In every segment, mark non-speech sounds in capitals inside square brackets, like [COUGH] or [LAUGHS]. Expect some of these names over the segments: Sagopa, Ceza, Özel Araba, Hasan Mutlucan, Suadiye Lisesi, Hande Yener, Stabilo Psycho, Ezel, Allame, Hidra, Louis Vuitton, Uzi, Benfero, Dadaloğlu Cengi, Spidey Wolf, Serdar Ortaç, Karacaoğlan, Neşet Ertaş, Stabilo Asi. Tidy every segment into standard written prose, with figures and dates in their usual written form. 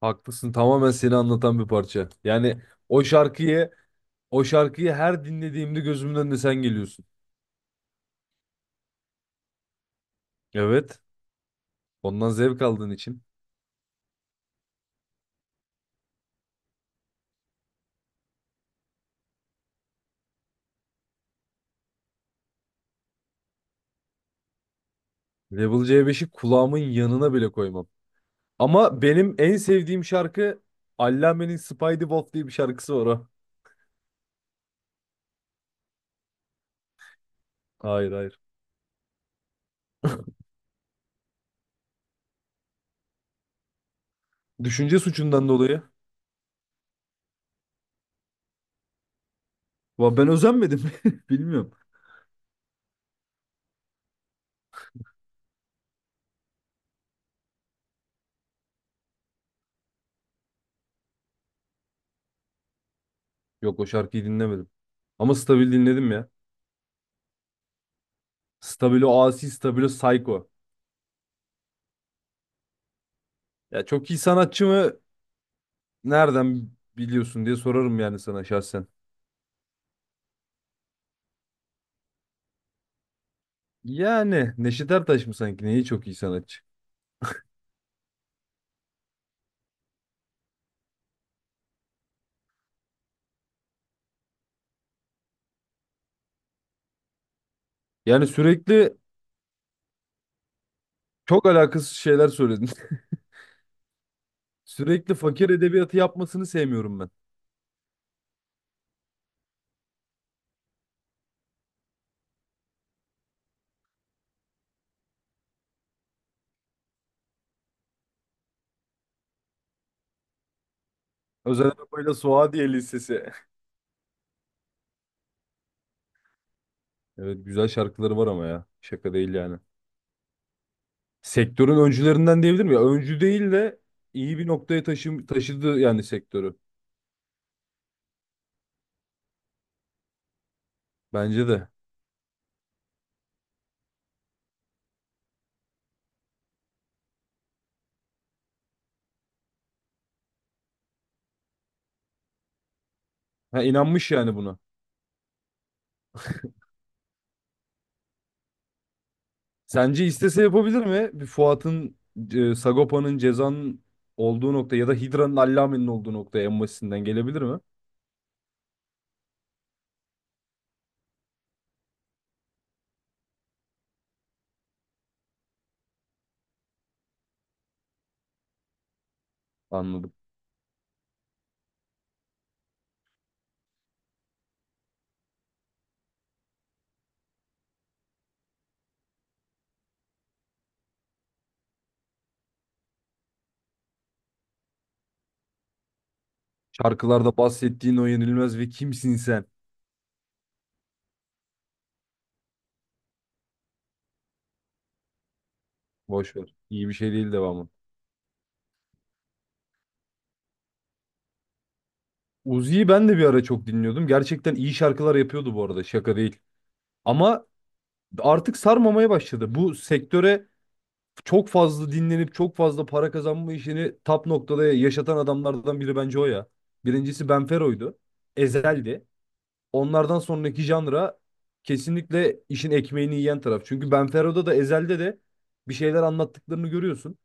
Haklısın. Tamamen seni anlatan bir parça. Yani o şarkıyı o şarkıyı her dinlediğimde gözümün önüne sen geliyorsun. Evet. Ondan zevk aldığın için. Level c beşi kulağımın yanına bile koymam. Ama benim en sevdiğim şarkı Allame'nin Spidey Wolf diye bir şarkısı var o. Hayır hayır. Düşünce suçundan dolayı. Ben özenmedim. [LAUGHS] Bilmiyorum. Yok o şarkıyı dinlemedim. Ama Stabil dinledim ya. Stabilo Asi, Stabilo Psycho. Ya çok iyi sanatçı mı? Nereden biliyorsun diye sorarım yani sana şahsen. Yani Neşet Ertaş mı sanki? Neyi çok iyi sanatçı? Yani sürekli çok alakasız şeyler söyledin. [LAUGHS] Sürekli fakir edebiyatı yapmasını sevmiyorum ben. Özel Araba'yla Suadiye Lisesi. [LAUGHS] Evet güzel şarkıları var ama ya. Şaka değil yani. Sektörün öncülerinden diyebilir miyim? Ya öncü değil de iyi bir noktaya taşıdı yani sektörü. Bence de. Ha, inanmış yani buna. Sence istese yapabilir mi? Bir Fuat'ın, Sagopa'nın Ceza'nın olduğu nokta ya da Hidra'nın Allame'nin olduğu noktaya en basitinden gelebilir mi? Anladım. Şarkılarda bahsettiğin o yenilmez ve kimsin sen? Boş ver. İyi bir şey değil devamı. Uzi'yi ben de bir ara çok dinliyordum. Gerçekten iyi şarkılar yapıyordu bu arada. Şaka değil. Ama artık sarmamaya başladı. Bu sektöre çok fazla dinlenip çok fazla para kazanma işini top noktada yaşatan adamlardan biri bence o ya. Birincisi Benfero'ydu. Ezel'di. Onlardan sonraki janra kesinlikle işin ekmeğini yiyen taraf. Çünkü Benfero'da da Ezel'de de bir şeyler anlattıklarını görüyorsun.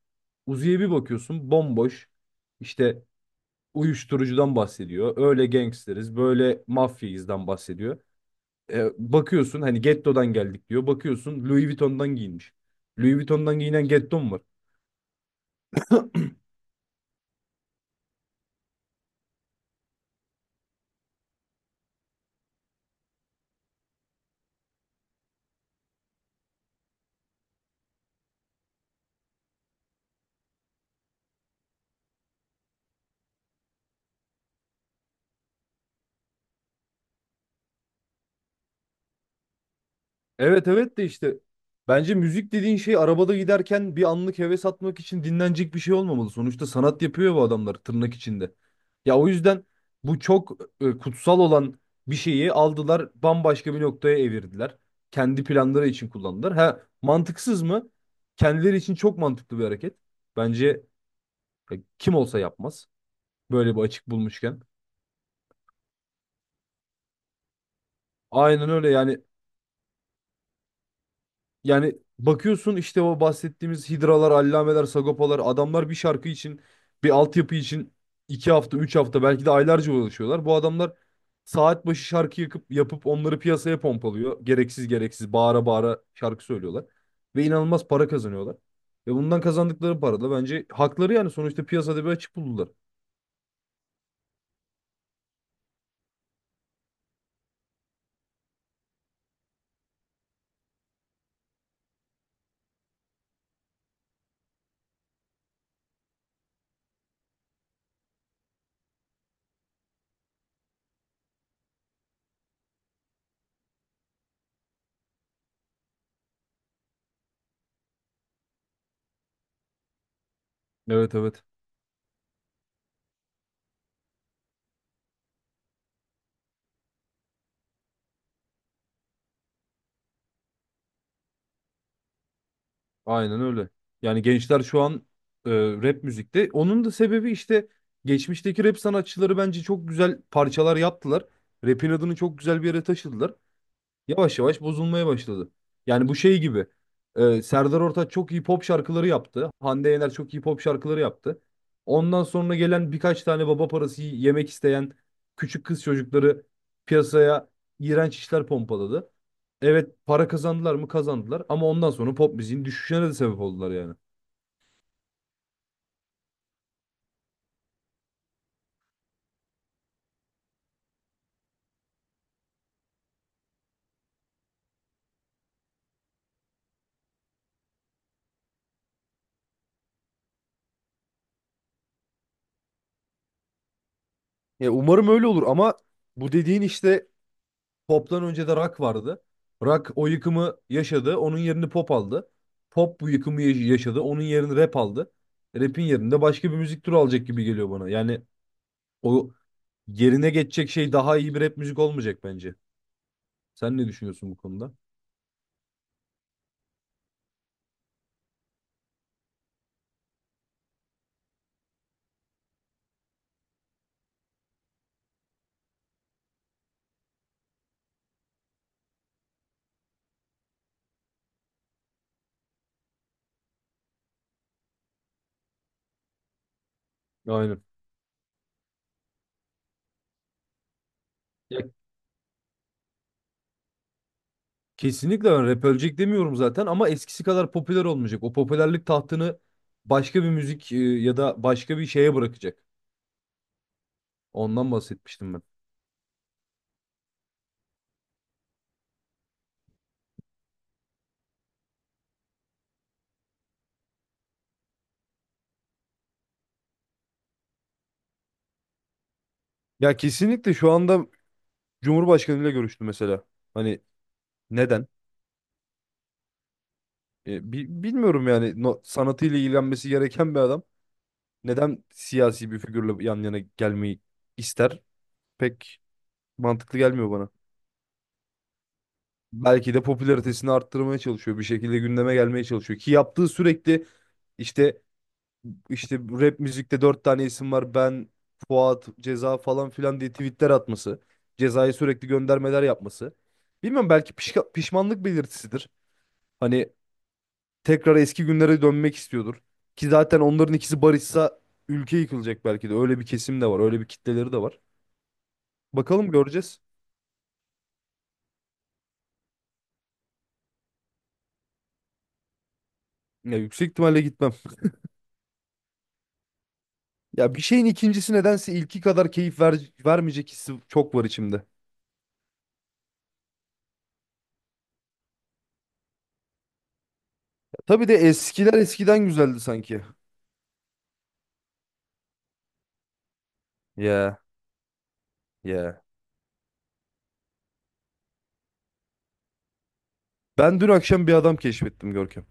Uzi'ye bir bakıyorsun bomboş. İşte uyuşturucudan bahsediyor. Öyle gangsteriz, böyle mafyayızdan bahsediyor. Bakıyorsun hani gettodan geldik diyor. Bakıyorsun Louis Vuitton'dan giyinmiş. Louis Vuitton'dan giyinen getto mu var? Evet evet de işte bence müzik dediğin şey arabada giderken bir anlık heves atmak için dinlenecek bir şey olmamalı. Sonuçta sanat yapıyor bu adamlar tırnak içinde. Ya o yüzden bu çok kutsal olan bir şeyi aldılar bambaşka bir noktaya evirdiler. Kendi planları için kullandılar. Ha mantıksız mı? Kendileri için çok mantıklı bir hareket. Bence kim olsa yapmaz böyle bir açık bulmuşken. Aynen öyle yani. Bakıyorsun işte o bahsettiğimiz hidralar, allameler, sagopalar adamlar bir şarkı için, bir altyapı için iki hafta, üç hafta belki de aylarca uğraşıyorlar. Bu adamlar saat başı şarkı yakıp, yapıp onları piyasaya pompalıyor. Gereksiz gereksiz bağıra bağıra şarkı söylüyorlar. Ve inanılmaz para kazanıyorlar. Ve bundan kazandıkları para da bence hakları yani sonuçta piyasada bir açık buldular. Evet evet. Aynen öyle. Yani gençler şu an rap müzikte. Onun da sebebi işte geçmişteki rap sanatçıları bence çok güzel parçalar yaptılar. Rap'in adını çok güzel bir yere taşıdılar yavaş yavaş bozulmaya başladı. Yani bu şey gibi. Serdar Ortaç çok iyi pop şarkıları yaptı. Hande Yener çok iyi pop şarkıları yaptı. Ondan sonra gelen birkaç tane baba parası yemek isteyen küçük kız çocukları piyasaya iğrenç işler pompaladı. Evet para kazandılar mı kazandılar ama ondan sonra pop müziğin düşüşüne de sebep oldular yani. Ya umarım öyle olur ama bu dediğin işte Pop'tan önce de Rock vardı. Rock o yıkımı yaşadı. Onun yerini Pop aldı. Pop bu yıkımı yaşadı. Onun yerini Rap aldı. Rap'in yerinde başka bir müzik türü alacak gibi geliyor bana. Yani o yerine geçecek şey daha iyi bir rap müzik olmayacak bence. Sen ne düşünüyorsun bu konuda? Aynen. Ya, kesinlikle ben rap ölecek demiyorum zaten ama eskisi kadar popüler olmayacak. O popülerlik tahtını başka bir müzik ya da başka bir şeye bırakacak. Ondan bahsetmiştim ben. Ya kesinlikle şu anda Cumhurbaşkanıyla görüştü mesela. Hani neden? Bilmiyorum yani no, sanatıyla ilgilenmesi gereken bir adam neden siyasi bir figürle yan yana gelmeyi ister? Pek mantıklı gelmiyor bana. Belki de popülaritesini arttırmaya çalışıyor. Bir şekilde gündeme gelmeye çalışıyor. Ki yaptığı sürekli işte rap müzikte dört tane isim var. Ben, Fuat, Ceza falan filan diye tweetler atması. Ceza'ya sürekli göndermeler yapması. Bilmiyorum belki pişmanlık belirtisidir. Hani tekrar eski günlere dönmek istiyordur. Ki zaten onların ikisi barışsa ülke yıkılacak belki de. Öyle bir kesim de var, öyle bir kitleleri de var. Bakalım göreceğiz. Ya yüksek ihtimalle gitmem. Ya bir şeyin ikincisi nedense ilki kadar keyif vermeyecek hissi çok var içimde. Ya tabii de eskiler eskiden güzeldi sanki. Ya ya. Ben dün akşam bir adam keşfettim Görkem.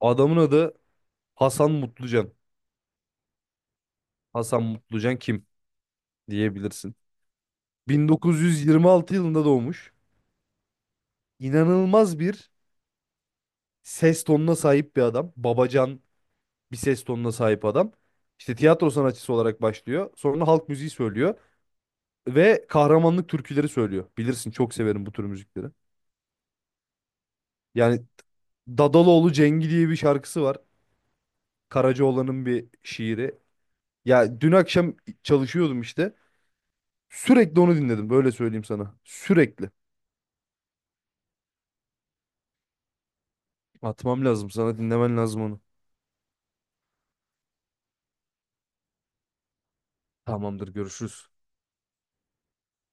Adamın adı Hasan Mutlucan. Hasan Mutlucan kim diyebilirsin. 1926 yılında doğmuş. İnanılmaz bir ses tonuna sahip bir adam. Babacan bir ses tonuna sahip adam. İşte tiyatro sanatçısı olarak başlıyor. Sonra halk müziği söylüyor ve kahramanlık türküleri söylüyor. Bilirsin çok severim bu tür müzikleri. Yani Dadaloğlu Cengi diye bir şarkısı var. Karacaoğlan'ın bir şiiri. Ya dün akşam çalışıyordum işte. Sürekli onu dinledim. Böyle söyleyeyim sana. Sürekli. Atmam lazım. Sana dinlemen lazım onu. Tamamdır, görüşürüz.